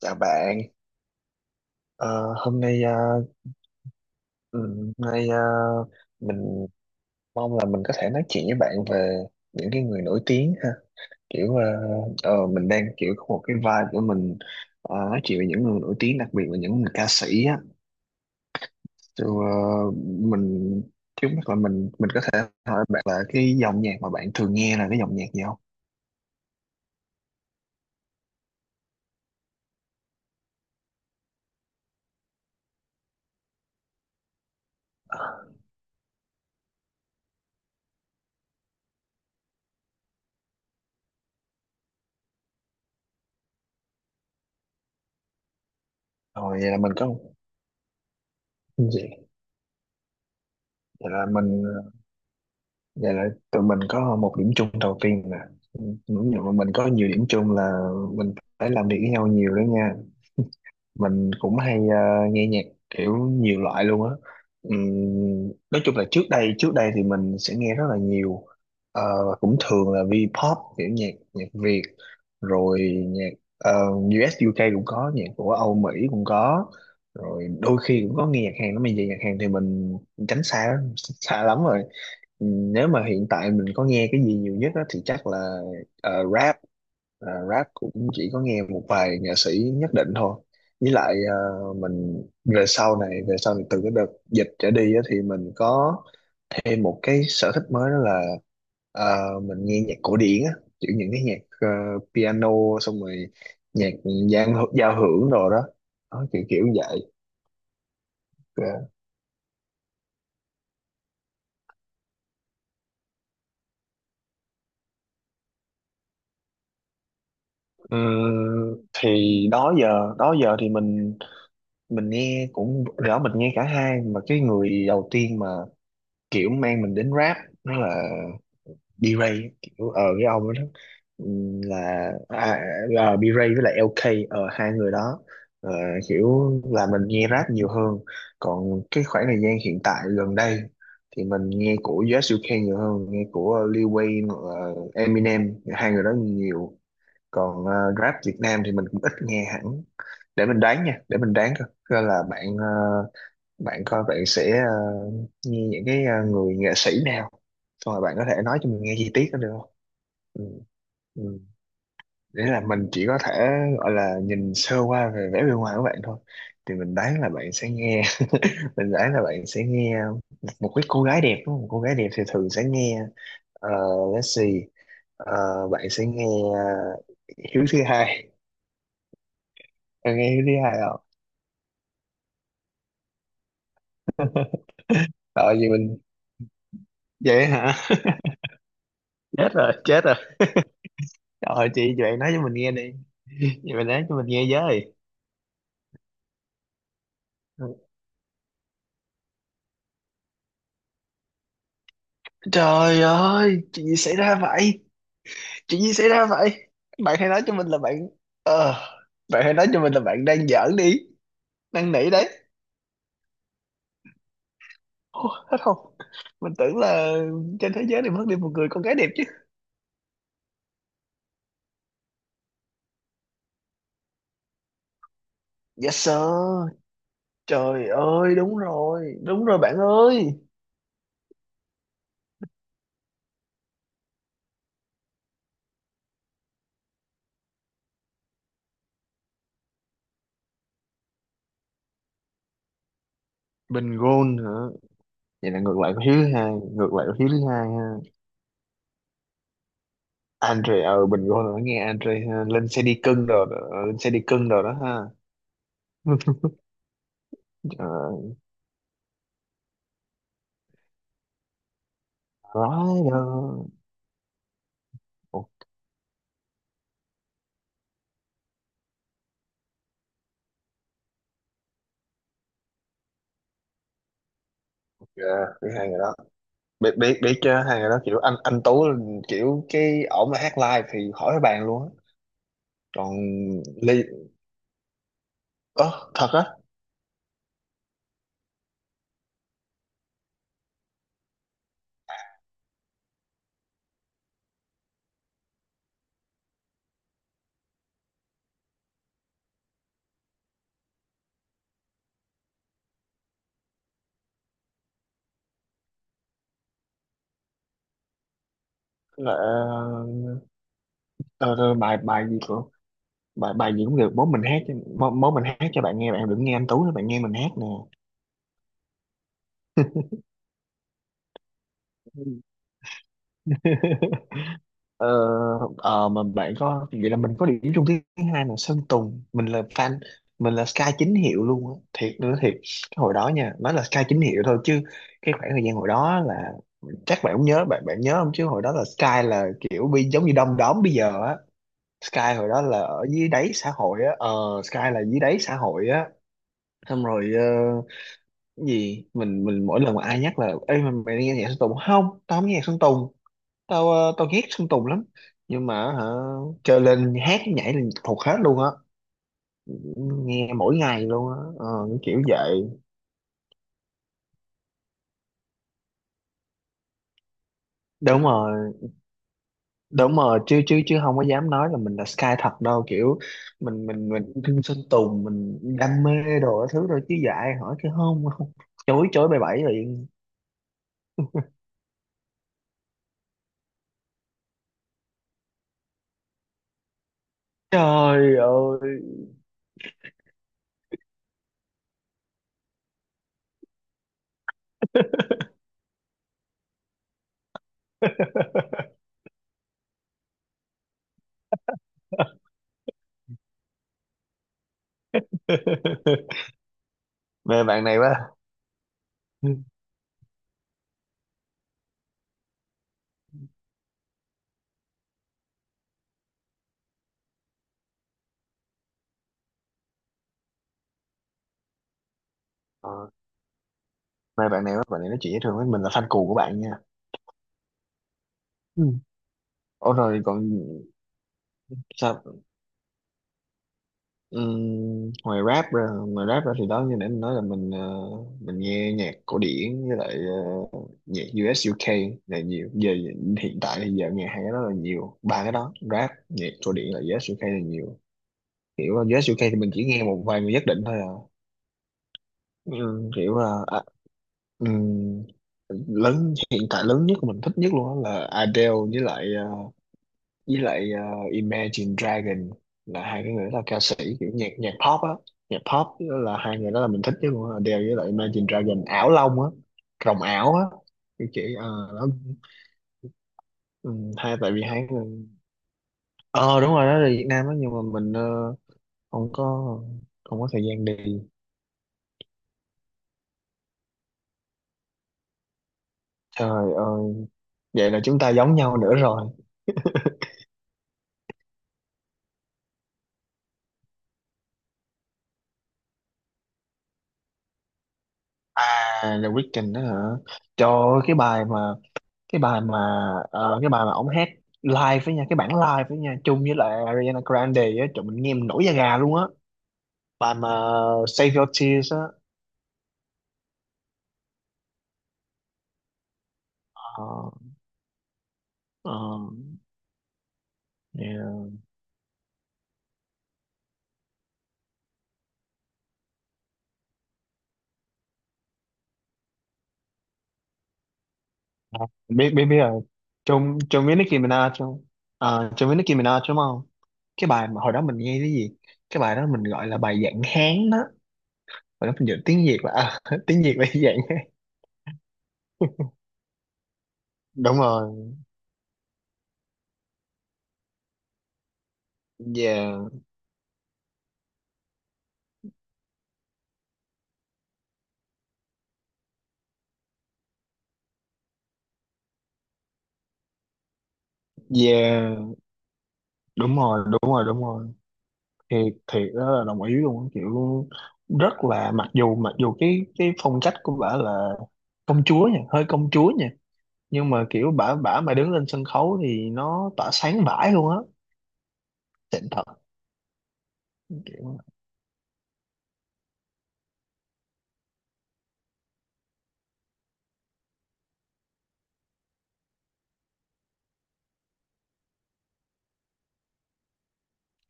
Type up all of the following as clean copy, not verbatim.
Chào bạn. Ờ, Hôm nay hôm nay mình mong là mình có thể nói chuyện với bạn về những cái người nổi tiếng ha. Kiểu mình đang kiểu có một cái vibe của mình nói chuyện về những người nổi tiếng, đặc biệt là những người ca sĩ á. So, ờ, mình trước mắt là mình có thể hỏi bạn là cái dòng nhạc mà bạn thường nghe là cái dòng nhạc gì không? Rồi vậy là mình có gì? Vậy là mình ờ, Vậy là tụi mình có một điểm chung đầu tiên nè. Đúng rồi, bọn mình có nhiều điểm chung, là mình phải làm việc với nhau nhiều đó nha. Mình cũng hay nghe nhạc kiểu nhiều loại luôn á. Nói chung là trước đây thì mình sẽ nghe rất là nhiều. Ờ, và cũng thường là V-pop, kiểu nhạc nhạc Việt, rồi nhạc US UK cũng có, nhạc của Âu Mỹ cũng có, rồi đôi khi cũng có nghe nhạc Hàn. Nó bây giờ nhạc Hàn thì mình tránh xa xa lắm rồi. Nếu mà hiện tại mình có nghe cái gì nhiều nhất á thì chắc là rap. Ờ, rap cũng chỉ có nghe một vài nghệ sĩ nhất định thôi, với lại mình về sau này từ cái đợt dịch trở đi á, thì mình có thêm một cái sở thích mới, đó là mình nghe nhạc cổ điển á, kiểu những cái nhạc piano, xong rồi nhạc giao hưởng đồ đó, đó kiểu kiểu như vậy. Ờ, thì đó giờ thì mình nghe cũng rõ mình nghe cả hai, mà cái người đầu tiên mà kiểu mang mình đến rap đó là B-Ray, kiểu ờ cái ông đó. ừm, là à, B-Ray với lại LK, ờ hai người đó. Ờ, kiểu là mình nghe rap nhiều hơn, còn cái khoảng thời gian hiện tại gần đây thì mình nghe của US UK nhiều hơn, nghe của Lil Wayne hoặc là Eminem, hai người đó nhiều. Còn rap Việt Nam thì mình cũng ít nghe hẳn. Để mình đoán nha, để mình đoán coi coi là bạn bạn coi bạn sẽ nghe những cái người nghệ sĩ nào, xong rồi bạn có thể nói cho mình nghe chi tiết đó được không? Ừ. Ừ. Để là mình chỉ có thể gọi là nhìn sơ qua về vẻ bên ngoài của bạn thôi, thì mình đoán là bạn sẽ nghe, mình đoán là bạn sẽ nghe một cái cô gái đẹp đúng không? Cô gái đẹp thì thường sẽ nghe, ờ, let's see. Ờ, bạn sẽ nghe ờ, Hiếu thứ hai. Bạn nghe Hiếu thứ hai không? Ờ gì mình, vậy hả? Chết rồi, chết rồi. Trời, chị, bạn nói cho mình nghe đi. Vậy bạn nói cho mình nghe với. Trời ơi, chuyện gì xảy ra vậy? Chuyện gì xảy ra vậy? Bạn hãy nói cho mình là bạn ờ, Bạn hãy nói cho mình là bạn đang giỡn đi. Đang nỉ đấy. Ô, hết không? Mình tưởng là trên thế giới này mất đi một người con gái đẹp chứ. Yes sir. Trời ơi, đúng rồi. Đúng rồi bạn ơi. Bình gôn hả? Vậy là ngược lại của Hiếu thứ hai. Ngược lại của Hiếu thứ hai ha. Andre, ờ bình luôn rồi, nghe Andre ha. Lên xe đi cưng rồi đó, lên xe đi cưng rồi đó ha. Ờ, Rider. Ok, biết hai người đó. Biết biết biết chứ, hai người đó kiểu anh Tú là kiểu cái ổng là hát live thì khỏi bàn luôn á. Còn Ly, ơ thật á? Là ờ, ờ, ờ, bài bài gì của, bài bài gì cũng được, bố mình hát cho bạn nghe, bạn đừng nghe anh Tú nữa, bạn nghe mình hát nè. Ờ, mà bạn có, vậy là mình có điểm chung thứ hai là Sơn Tùng, mình là fan. Mình là Sky chính hiệu luôn á, thiệt nữa, thiệt. Cái hồi đó nha, nói là Sky chính hiệu thôi chứ, cái khoảng thời gian hồi đó là, chắc bạn cũng nhớ, bạn bạn nhớ không, chứ hồi đó là Sky là kiểu bi giống như đom đóm bây giờ á. Sky hồi đó là ở dưới đáy xã hội á, ờ, Sky là dưới đáy xã hội á. Xong rồi ờ, cái gì mình mỗi lần mà ai nhắc là ê mày, mày đi nghe nhạc Sơn Tùng không, tao không nghe nhạc Sơn Tùng, tao ghét Sơn Tùng lắm, nhưng mà hả, chơi lên hát nhảy là thuộc hết luôn á, nghe mỗi ngày luôn á, cái kiểu vậy. Đúng rồi, đúng rồi, chứ chứ chứ không có dám nói là mình là Sky thật đâu, kiểu mình thương Sơn Tùng, mình đam mê đồ, cái thứ rồi chứ dạy hỏi chứ không, không, chối chối bày bẫy liền. Trời ơi. Mê bạn này quá. Ừ. ờ, Mê bạn này quá, bạn này nói chuyện với thường với mình là fan cuồng của bạn nha. Ừ. Ủa, rồi còn sao? Ngoài rap ra thì đó như nãy mình nói là mình nghe nhạc cổ điển với lại ờ, nhạc u UK là nhiều. Giờ hiện tại thì giờ nghe hai cái đó là nhiều, ba cái đó, rap, nhạc cổ điển, là u ét u UK là nhiều. Kiểu u ét u UK thì mình chỉ nghe một vài người nhất định thôi à. Ừm, kiểu là à, ừm, lớn hiện tại lớn nhất mình thích nhất luôn đó là Adele với lại với lại ờ, Imagine Dragon. Là hai cái người đó là ca sĩ kiểu nhạc nhạc pop á. Nhạc pop đó, là hai người đó là mình thích nhất luôn á, Adele với lại Imagine Dragon, ảo long á, rồng ảo á, cái kiểu đó. Ừ, tại vì hai người ờ đúng rồi đó là Việt Nam á, nhưng mà không có, không có thời gian đi. Trời ơi, vậy là chúng ta giống nhau nữa rồi. À, The Weeknd đó hả? Cho cái bài mà, cái bài mà cái bài mà ông hát live với nha, cái bản live với nha, chung với lại Ariana Grande á, trời mình nghe mình nổi da gà luôn á. Bài mà Save Your Tears á. Ờ, ờ, yeah. biết biết biết rồi, chung chung với Nicki Minaj chung. Ờ, chung với Nicki Minaj đúng không? Cái bài mà hồi đó mình nghe cái gì, cái bài đó mình gọi là bài dạng Hán đó. Hồi đó mình dịch tiếng Việt là à, tiếng Việt là dạng Hán. Đúng rồi. Yeah. Yeah, đúng rồi, đúng rồi, đúng rồi. Thì thiệt đó, là đồng ý luôn á, kiểu rất là, mặc dù cái phong cách của bả là công chúa nha, hơi công chúa nha, nhưng mà kiểu bả bả mà đứng lên sân khấu thì nó tỏa sáng vãi luôn á. Xịn thật. Kiểu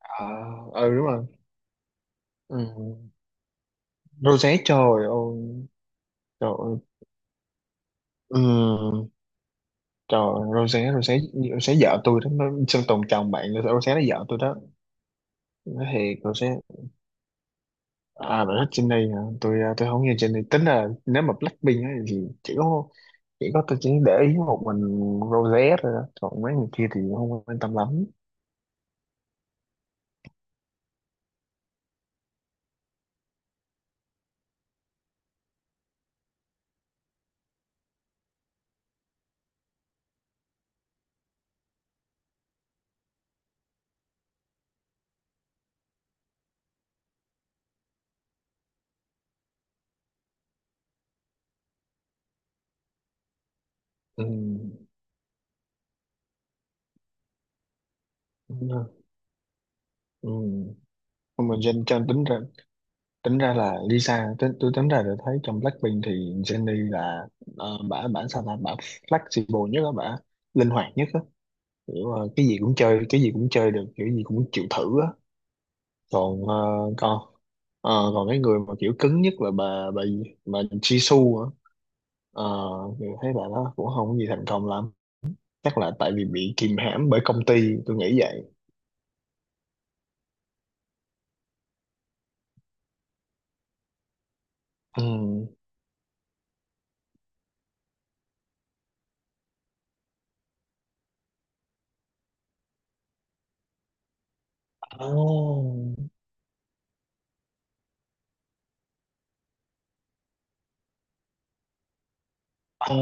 à, ừ đúng rồi. Ừ. Rosé, trời ơi, trời ơi. Ừ. Trời ơi, Rosé Rosé Rosé vợ tôi đó nó, Sơn Tùng chồng bạn nữa, Rosé nó vợ tôi đó nó, thiệt Rosé. À bạn thích Jennie hả? Tôi không nghe Jennie, tính là nếu mà Blackpink á thì chỉ có, chỉ có tôi chỉ để ý một mình Rosé thôi đó. Còn mấy người kia thì không quan tâm lắm. Ừ. Đúng rồi. Ừ. Nhưng mà Jen Jen tính ra, tôi tính ra được, thấy trong Blackpink thì Jennie là bả, bả sao là bả flexible nhất á, bả linh hoạt nhất á, kiểu cái gì cũng chơi, cái gì cũng chơi được, kiểu gì cũng chịu thử á. Còn ờ, còn ờ, còn cái người mà kiểu cứng nhất là bà gì? Bà Jisoo á. Ờ, thì thấy bà đó cũng không có gì thành công lắm, chắc là tại vì bị kìm hãm bởi công ty, tôi nghĩ vậy. Ừ. Oh. Ồ,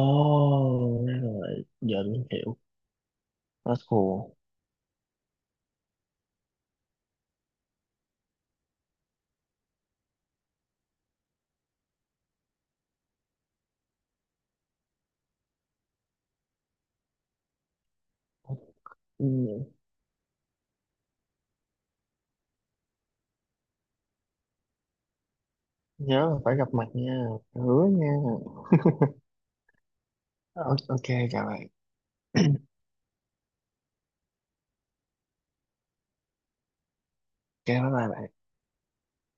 ra rồi, giờ tôi hiểu. That's cool. Ừ. Nhớ là phải gặp mặt nha, hứa nha. Ờ, ok. Chào bạn. Ok bye bye bạn.